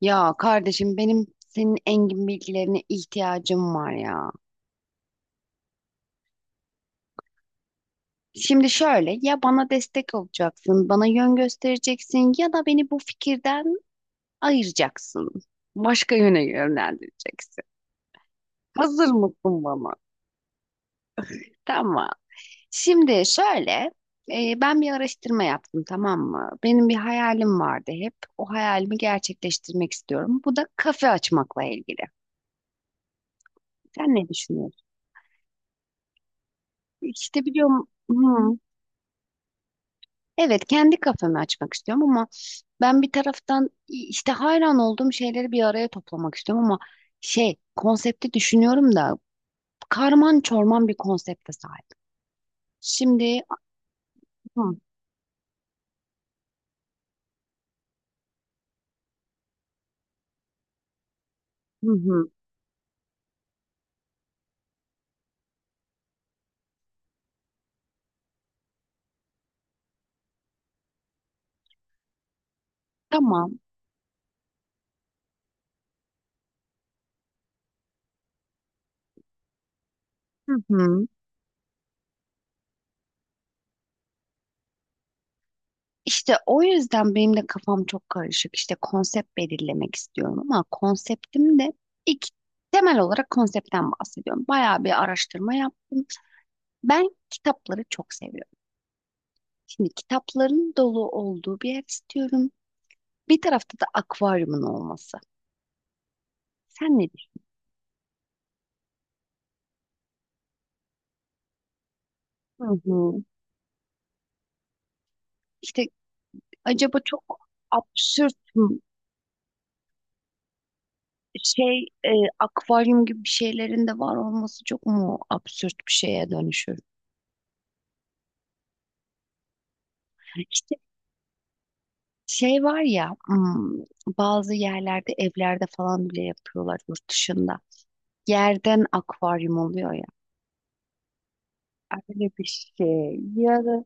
Ya kardeşim benim senin engin bilgilerine ihtiyacım var ya. Şimdi şöyle ya bana destek olacaksın, bana yön göstereceksin ya da beni bu fikirden ayıracaksın. Başka yöne yönlendireceksin. Hazır mısın bana? Tamam. Şimdi şöyle ben bir araştırma yaptım, tamam mı? Benim bir hayalim vardı hep. O hayalimi gerçekleştirmek istiyorum. Bu da kafe açmakla ilgili. Sen ne düşünüyorsun? İşte biliyorum. Hı. Evet, kendi kafemi açmak istiyorum ama ben bir taraftan işte hayran olduğum şeyleri bir araya toplamak istiyorum ama şey konsepti düşünüyorum da karman çorman bir konsepte sahip. Şimdi hı, hı, hı, tamam hı, hı. İşte o yüzden benim de kafam çok karışık. İşte konsept belirlemek istiyorum ama konseptim de ilk temel olarak konseptten bahsediyorum. Bayağı bir araştırma yaptım. Ben kitapları çok seviyorum. Şimdi kitapların dolu olduğu bir ev istiyorum. Bir tarafta da akvaryumun olması. Sen ne diyorsun? Hı hı. İşte acaba çok absürt mü- şey akvaryum gibi bir şeylerin de var olması çok mu absürt bir şeye dönüşür? İşte şey var ya, bazı yerlerde evlerde falan bile yapıyorlar yurt dışında. Yerden akvaryum oluyor ya. Öyle bir şey. Ya da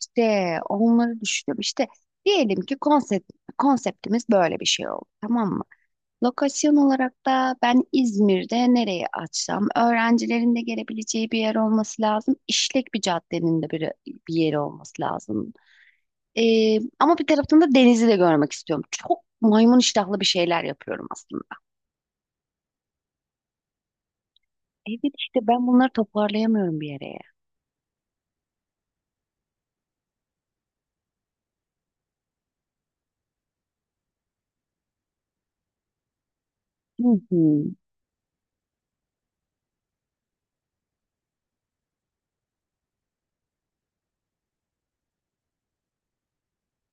işte onları düşünüyorum. İşte diyelim ki konsept, konseptimiz böyle bir şey oldu. Tamam mı? Lokasyon olarak da ben İzmir'de nereye açsam, öğrencilerin de gelebileceği bir yer olması lazım. İşlek bir caddenin de bir yeri olması lazım. Ama bir taraftan da denizi de görmek istiyorum. Çok maymun iştahlı bir şeyler yapıyorum aslında. Evet işte ben bunları toparlayamıyorum bir yere. Hı hı.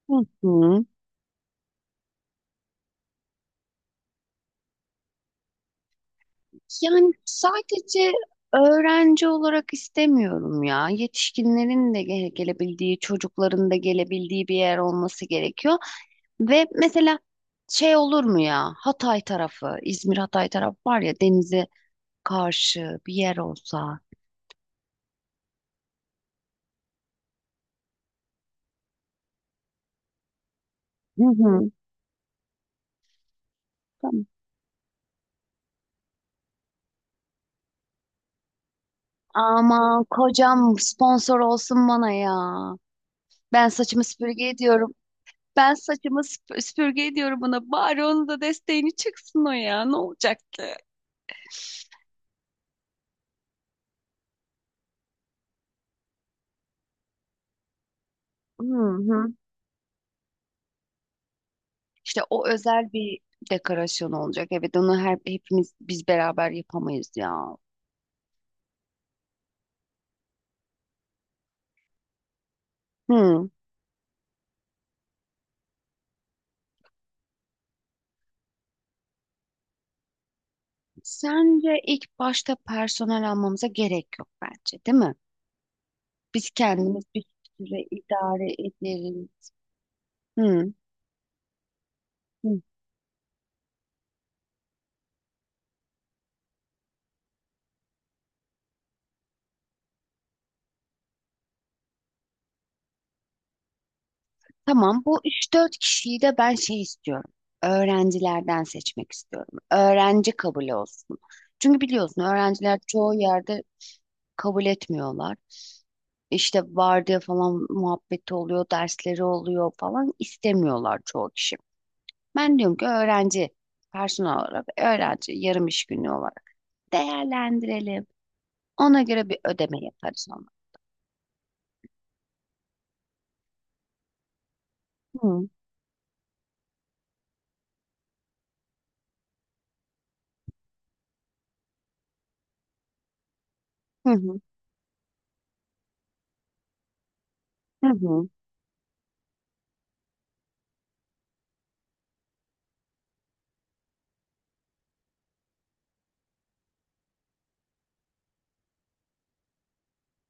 Hı hı. Yani sadece öğrenci olarak istemiyorum ya. Yetişkinlerin de gelebildiği, çocukların da gelebildiği bir yer olması gerekiyor. Ve mesela şey olur mu ya, Hatay tarafı, İzmir Hatay tarafı var ya, denize karşı bir yer olsa. Hı hı. Tamam. Aman kocam sponsor olsun bana ya. Ben saçımı süpürge ediyorum. Ben saçımı süpürge ediyorum bana. Bari onun da desteğini çıksın o ya. Ne olacak ki? Hı hı. İşte o özel bir dekorasyon olacak. Evet onu her, hepimiz biz beraber yapamayız ya. Hı. Sence ilk başta personel almamıza gerek yok bence, değil mi? Biz kendimiz bir süre idare ederiz. Hı, hı. Tamam, bu üç dört kişiyi de ben şey istiyorum. Öğrencilerden seçmek istiyorum. Öğrenci kabul olsun. Çünkü biliyorsun öğrenciler çoğu yerde kabul etmiyorlar. İşte vardiya falan muhabbeti oluyor, dersleri oluyor falan istemiyorlar çoğu kişi. Ben diyorum ki öğrenci, personel olarak öğrenci yarım iş günü olarak değerlendirelim. Ona göre bir ödeme yaparız ona. Hı hı hı hı hı.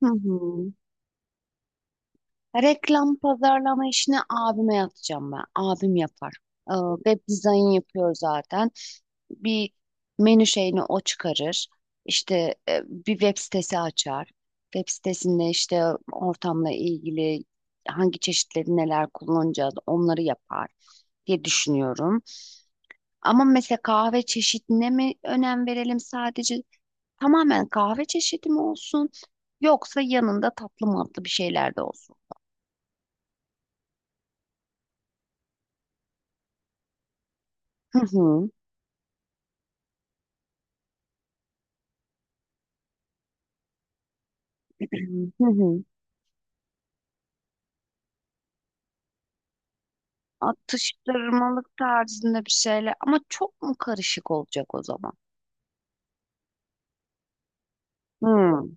Hı hı. Reklam pazarlama işini abime yatacağım ben. Abim yapar. Web dizayn yapıyor zaten. Bir menü şeyini o çıkarır. İşte bir web sitesi açar. Web sitesinde işte ortamla ilgili hangi çeşitleri neler kullanacağız onları yapar diye düşünüyorum. Ama mesela kahve çeşidine mi önem verelim sadece? Tamamen kahve çeşidi mi olsun? Yoksa yanında tatlı matlı bir şeyler de olsun. Hı hı. Hı hı. Atıştırmalık tarzında bir şeyler. Ama çok mu karışık olacak o zaman? Hı.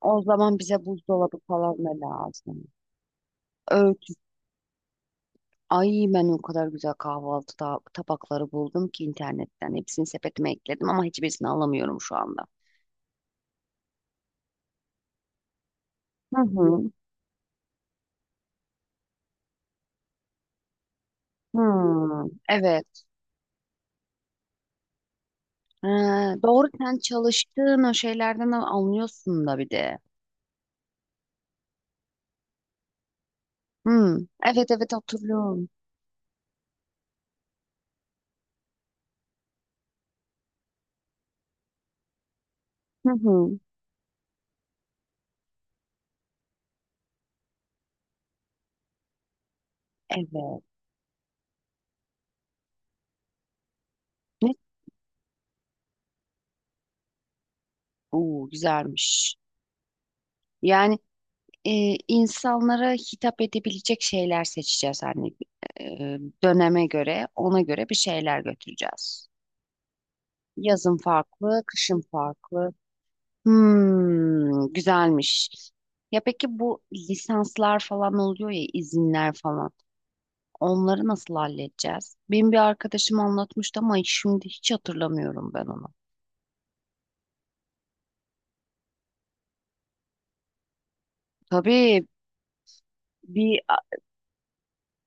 O zaman bize buzdolabı falan da lazım. Öğüt. Ay, ben o kadar güzel kahvaltı tabakları buldum ki internetten. Hepsini sepetime ekledim ama hiçbirisini alamıyorum şu anda. Hı hı. Hı. Evet. Ee, doğru sen çalıştığın o şeylerden anlıyorsun da bir de. Hı. Evet, evet hatırlıyorum. Hı hı. Evet. Ne? Oo, güzelmiş. Yani e, insanlara hitap edebilecek şeyler seçeceğiz, hani e, döneme göre, ona göre bir şeyler götüreceğiz. Yazın farklı, kışın farklı. Hmm, güzelmiş. Ya peki bu lisanslar falan oluyor ya, izinler falan. Onları nasıl halledeceğiz? Benim bir arkadaşım anlatmıştı ama şimdi hiç hatırlamıyorum ben onu. Tabii bir,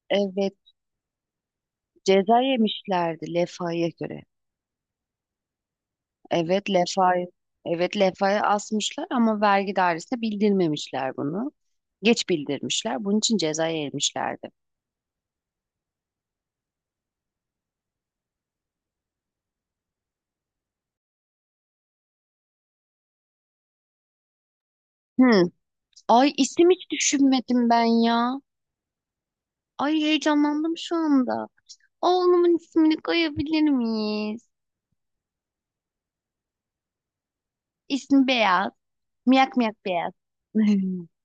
evet, ceza yemişlerdi Lefa'ya göre. Evet, Lefa'yı, evet Lefa'ya asmışlar ama vergi dairesine bildirmemişler bunu. Geç bildirmişler. Bunun için ceza yemişlerdi. Hmm. Ay isim hiç düşünmedim ben ya. Ay heyecanlandım şu anda. Oğlumun ismini koyabilir miyiz? İsmi Beyaz. Miyak miyak Beyaz.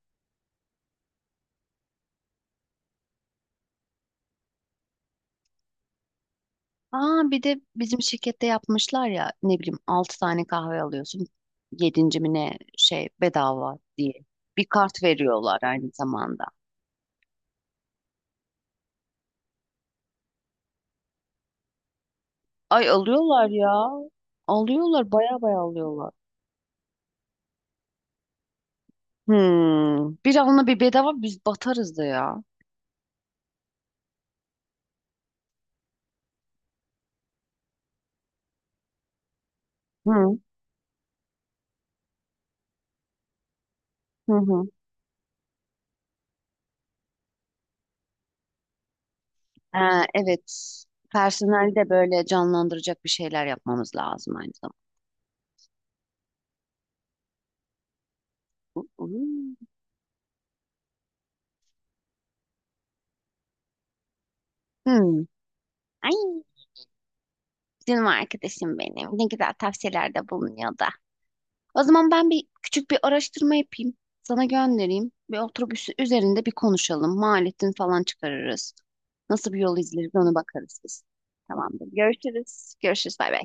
Aa bir de bizim şirkette yapmışlar ya, ne bileyim 6 tane kahve alıyorsun. 7. mi ne şey bedava diye. Bir kart veriyorlar aynı zamanda. Ay alıyorlar ya. Alıyorlar baya baya alıyorlar. Hmm. Bir alına bir bedava biz batarız da ya. Hı hı hı. Ha, evet. Personeli de böyle canlandıracak bir şeyler yapmamız lazım aynı zamanda. Hı. Hı. Ay canım arkadaşım benim. Ne güzel tavsiyelerde bulunuyordu. O zaman ben bir küçük bir araştırma yapayım. Sana göndereyim. Bir otobüsü üzerinde bir konuşalım. Maliyetini falan çıkarırız. Nasıl bir yol izleriz ona bakarız biz. Tamamdır. Görüşürüz. Görüşürüz. Bay bay.